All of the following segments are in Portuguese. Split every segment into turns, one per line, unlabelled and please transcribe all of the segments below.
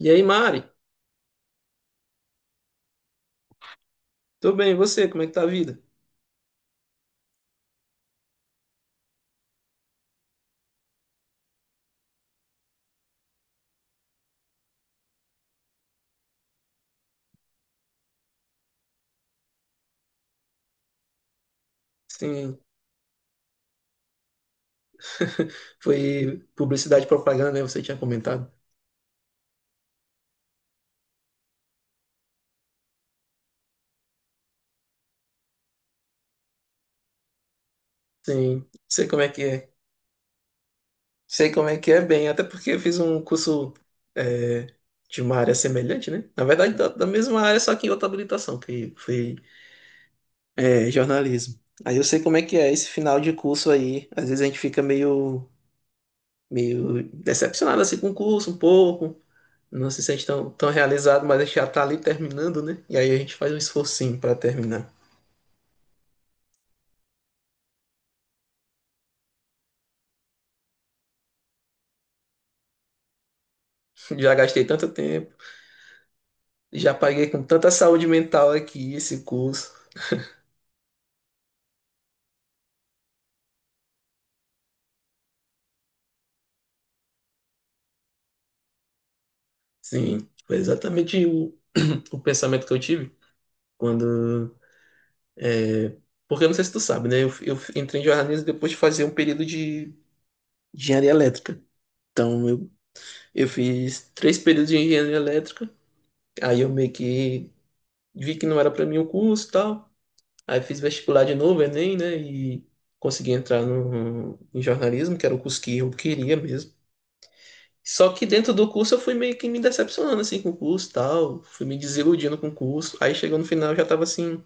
E aí, Mari? Tudo bem, e você? Como é que tá a vida? Sim. Foi publicidade e propaganda, né? Você tinha comentado. Sim, sei como é que é. Sei como é que é bem, até porque eu fiz um curso é, de uma área semelhante, né? Na verdade, da mesma área, só que em outra habilitação, que foi jornalismo. Aí eu sei como é que é esse final de curso aí. Às vezes a gente fica meio, meio decepcionado assim, com o curso, um pouco. Não se sente tão, tão realizado, mas a gente já tá ali terminando, né? E aí a gente faz um esforcinho para terminar. Já gastei tanto tempo, já paguei com tanta saúde mental aqui esse curso. Sim, foi exatamente o pensamento que eu tive quando. é, Porque eu não sei se tu sabe, né? Eu entrei em jornalismo depois de fazer um período de engenharia elétrica. Então eu, eu fiz três períodos de engenharia elétrica. Aí eu meio que vi que não era para mim o curso e tal. Aí fiz vestibular de novo, Enem, né? E consegui entrar no, em jornalismo, que era o curso que eu queria mesmo. Só que dentro do curso eu fui meio que me decepcionando assim com o curso e tal, fui me desiludindo com o curso. Aí chegou no final eu já tava assim,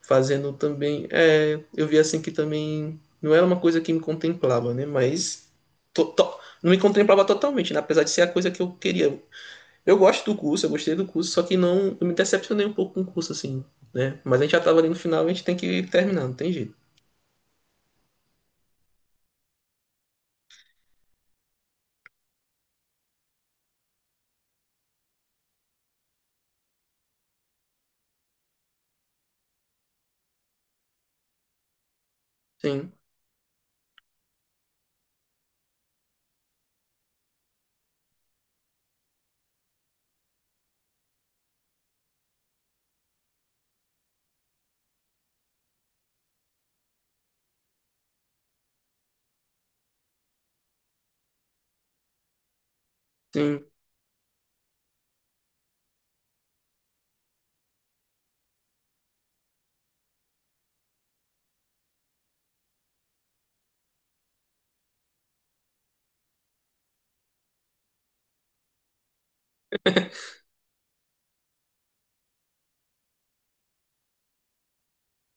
fazendo também. É, eu vi assim que também não era uma coisa que me contemplava, né? Mas não me contemplava totalmente, né? Apesar de ser a coisa que eu queria. Eu gosto do curso, eu gostei do curso, só que não, eu me decepcionei um pouco com o curso, assim, né? Mas a gente já tava ali no final, a gente tem que terminar, não tem jeito. Sim, sim.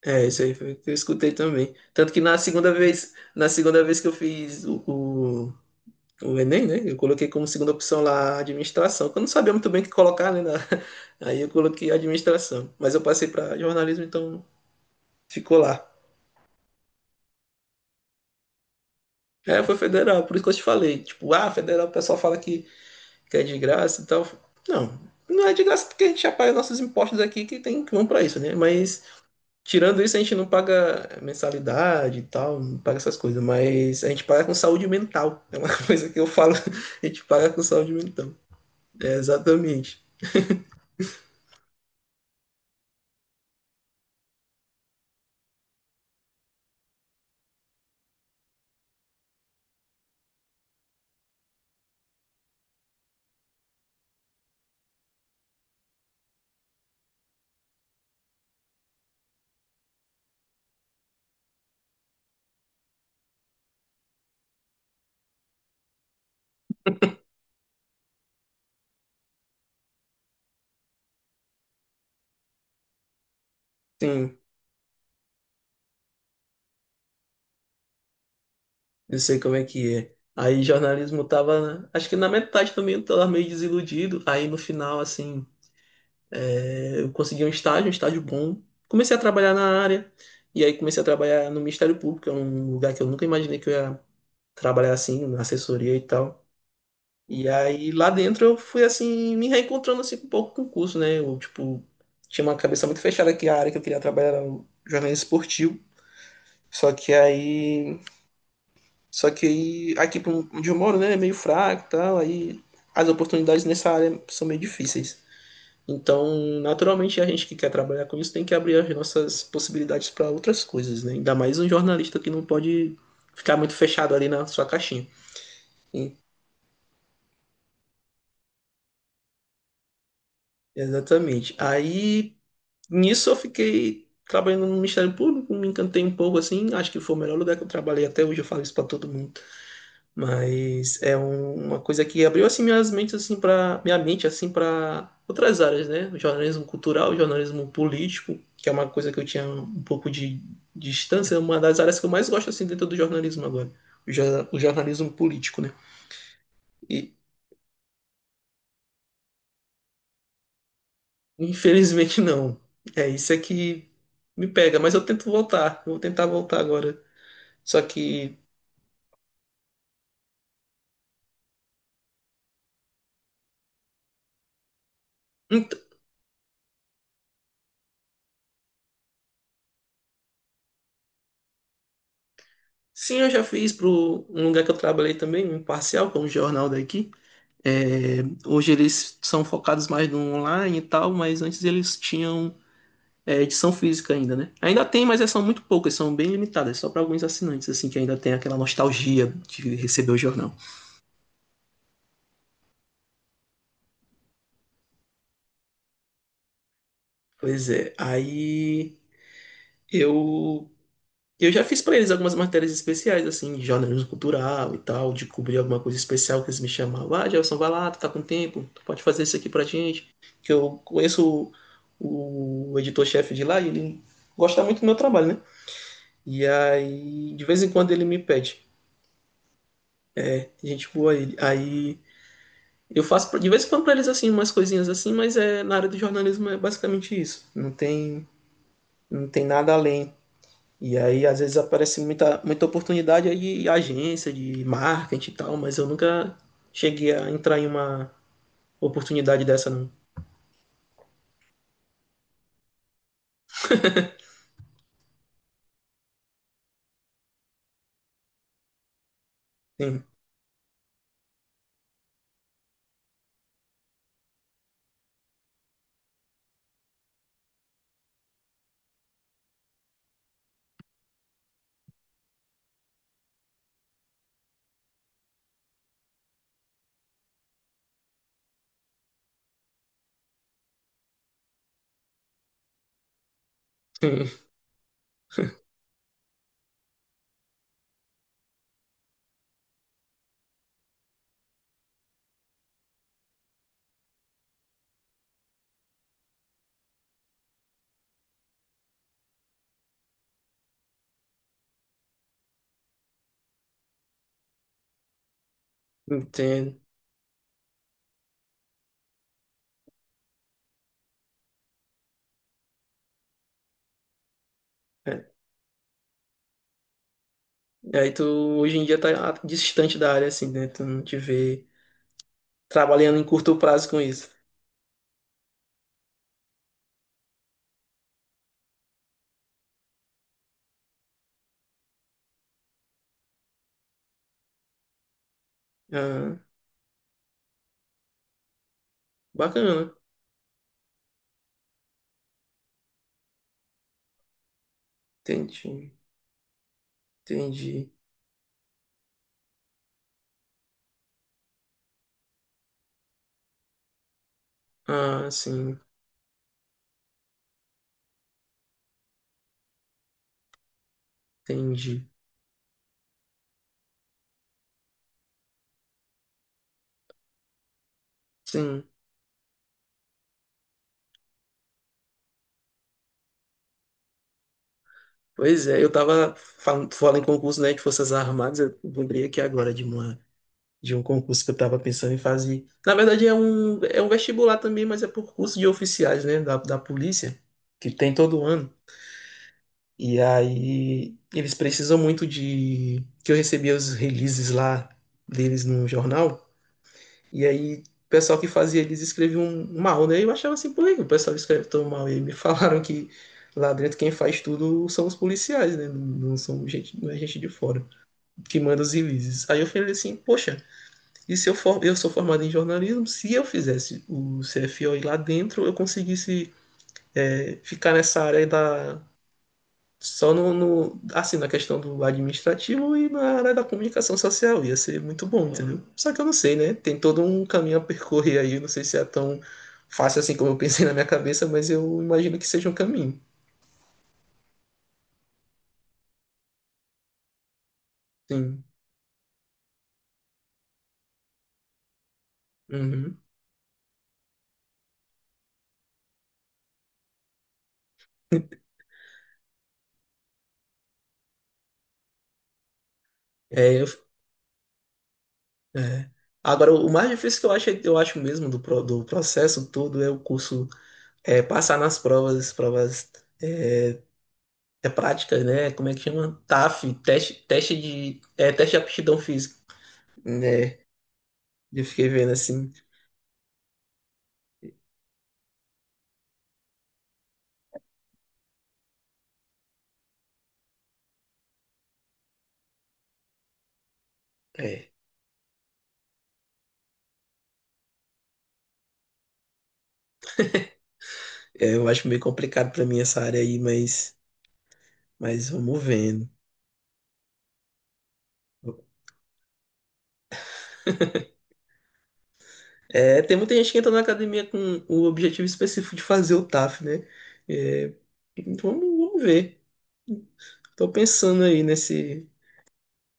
É, isso aí foi o que eu escutei também. Tanto que na segunda vez que eu fiz o Enem, né? Eu coloquei como segunda opção lá a administração. Que Eu não sabia muito bem o que colocar, né? Aí eu coloquei administração. Mas eu passei para jornalismo, então ficou lá. É, foi federal, por isso que eu te falei. Tipo, ah, federal, o pessoal fala que é de graça e tal. Não, não é de graça porque a gente já paga nossos impostos aqui que vão para isso, né? Mas tirando isso, a gente não paga mensalidade e tal, não paga essas coisas, mas a gente paga com saúde mental. É uma coisa que eu falo, a gente paga com saúde mental. É, exatamente. Sim, eu sei como é que é. Aí jornalismo tava, acho que na metade também eu tava meio desiludido. Aí no final, assim, eu consegui um estágio bom. Comecei a trabalhar na área, e aí comecei a trabalhar no Ministério Público, é um lugar que eu nunca imaginei que eu ia trabalhar assim, na assessoria e tal. E aí lá dentro eu fui assim, me reencontrando assim um pouco com o curso, né? Eu, tipo, tinha uma cabeça muito fechada que a área que eu queria trabalhar era o jornalismo esportivo. Só que aí. Só que aí, aqui pra um, onde eu moro, né, é meio fraco e tal. Aí as oportunidades nessa área são meio difíceis. Então, naturalmente, a gente que quer trabalhar com isso tem que abrir as nossas possibilidades para outras coisas, né? Ainda mais um jornalista que não pode ficar muito fechado ali na sua caixinha. E- Exatamente. Aí. Nisso eu fiquei trabalhando no Ministério Público, me encantei um pouco assim, acho que foi o melhor lugar que eu trabalhei até hoje, eu falo isso pra todo mundo. Mas é uma coisa que abriu assim minhas mentes assim para minha mente assim para outras áreas, né? O jornalismo cultural, o jornalismo político, que é uma coisa que eu tinha um pouco de distância, é uma das áreas que eu mais gosto assim dentro do jornalismo agora. O, o jornalismo político, né? E infelizmente não. É isso é que me pega, mas eu tento voltar, eu vou tentar voltar agora. Só que então, sim, eu já fiz para um lugar que eu trabalhei também, um parcial, que é um jornal daqui. É, hoje eles são focados mais no online e tal, mas antes eles tinham edição física ainda, né? Ainda tem, mas é, são muito poucas, são bem limitadas, só para alguns assinantes, assim, que ainda tem aquela nostalgia de receber o jornal. Pois é, aí eu Eu já fiz pra eles algumas matérias especiais, assim, de jornalismo cultural e tal, de cobrir alguma coisa especial que eles me chamavam. Ah, Gelson, vai lá, tu tá com tempo, tu pode fazer isso aqui pra gente. Que eu conheço o editor-chefe de lá e ele gosta muito do meu trabalho, né? E aí, de vez em quando ele me pede. A gente voa ele. Aí eu faço de vez em quando pra eles, assim, umas coisinhas assim, mas é, na área do jornalismo é basicamente isso. Não tem, não tem nada além. E aí, às vezes, aparece muita, muita oportunidade aí de agência, de marketing e tal, mas eu nunca cheguei a entrar em uma oportunidade dessa, não. Sim, sim, entendo. É. E aí tu, hoje em dia, tá distante da área, assim, né? Tu não te vê trabalhando em curto prazo com isso. Ah, bacana. Entendi, entendi. Ah, sim, entendi. Sim. Pois é, eu tava falando, falando em concurso, né, de Forças Armadas, eu lembrei aqui agora de uma de um concurso que eu estava pensando em fazer. Na verdade, é um vestibular também, mas é por curso de oficiais, né, da polícia, que tem todo ano. E aí eles precisam muito de que eu recebia os releases lá deles no jornal. E aí o pessoal que fazia eles escreviam mal, né? Eu achava assim, por que o pessoal escreve tão mal? E aí me falaram que lá dentro quem faz tudo são os policiais, né? Não, não são gente, não é gente de fora que manda os releases. Aí eu falei assim, poxa, e se eu for, eu sou formado em jornalismo, se eu fizesse o CFO e lá dentro, eu conseguisse ficar nessa área da só assim na questão do administrativo e na área da comunicação social ia ser muito bom, entendeu? Só que eu não sei, né? Tem todo um caminho a percorrer aí, eu não sei se é tão fácil assim como eu pensei na minha cabeça, mas eu imagino que seja um caminho. Sim. Uhum. É, eu, é. Agora o mais difícil que eu acho mesmo do processo todo é o curso passar nas provas, provas é, práticas, né? Como é que chama? TAF, teste, teste de, é, teste de aptidão física, né? Eu fiquei vendo assim, é, eu acho meio complicado pra mim essa área aí, mas vamos vendo. É, tem muita gente que entra na academia com o objetivo específico de fazer o TAF, né? É, então, vamos, vamos ver. Tô pensando aí nesse,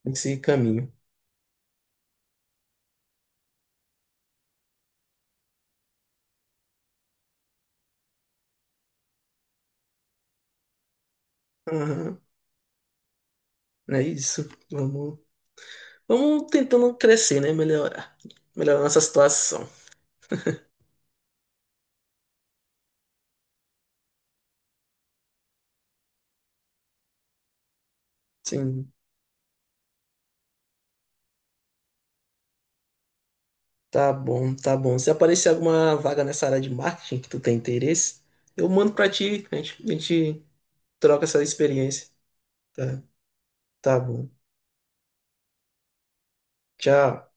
nesse caminho. Aham, é isso. Vamos. Vamos tentando crescer, né? Melhorar. Melhorar nossa situação. Sim, tá bom, tá bom. Se aparecer alguma vaga nessa área de marketing que tu tem interesse, eu mando pra ti, a gente troca essa experiência. Tá, tá bom. Tchau.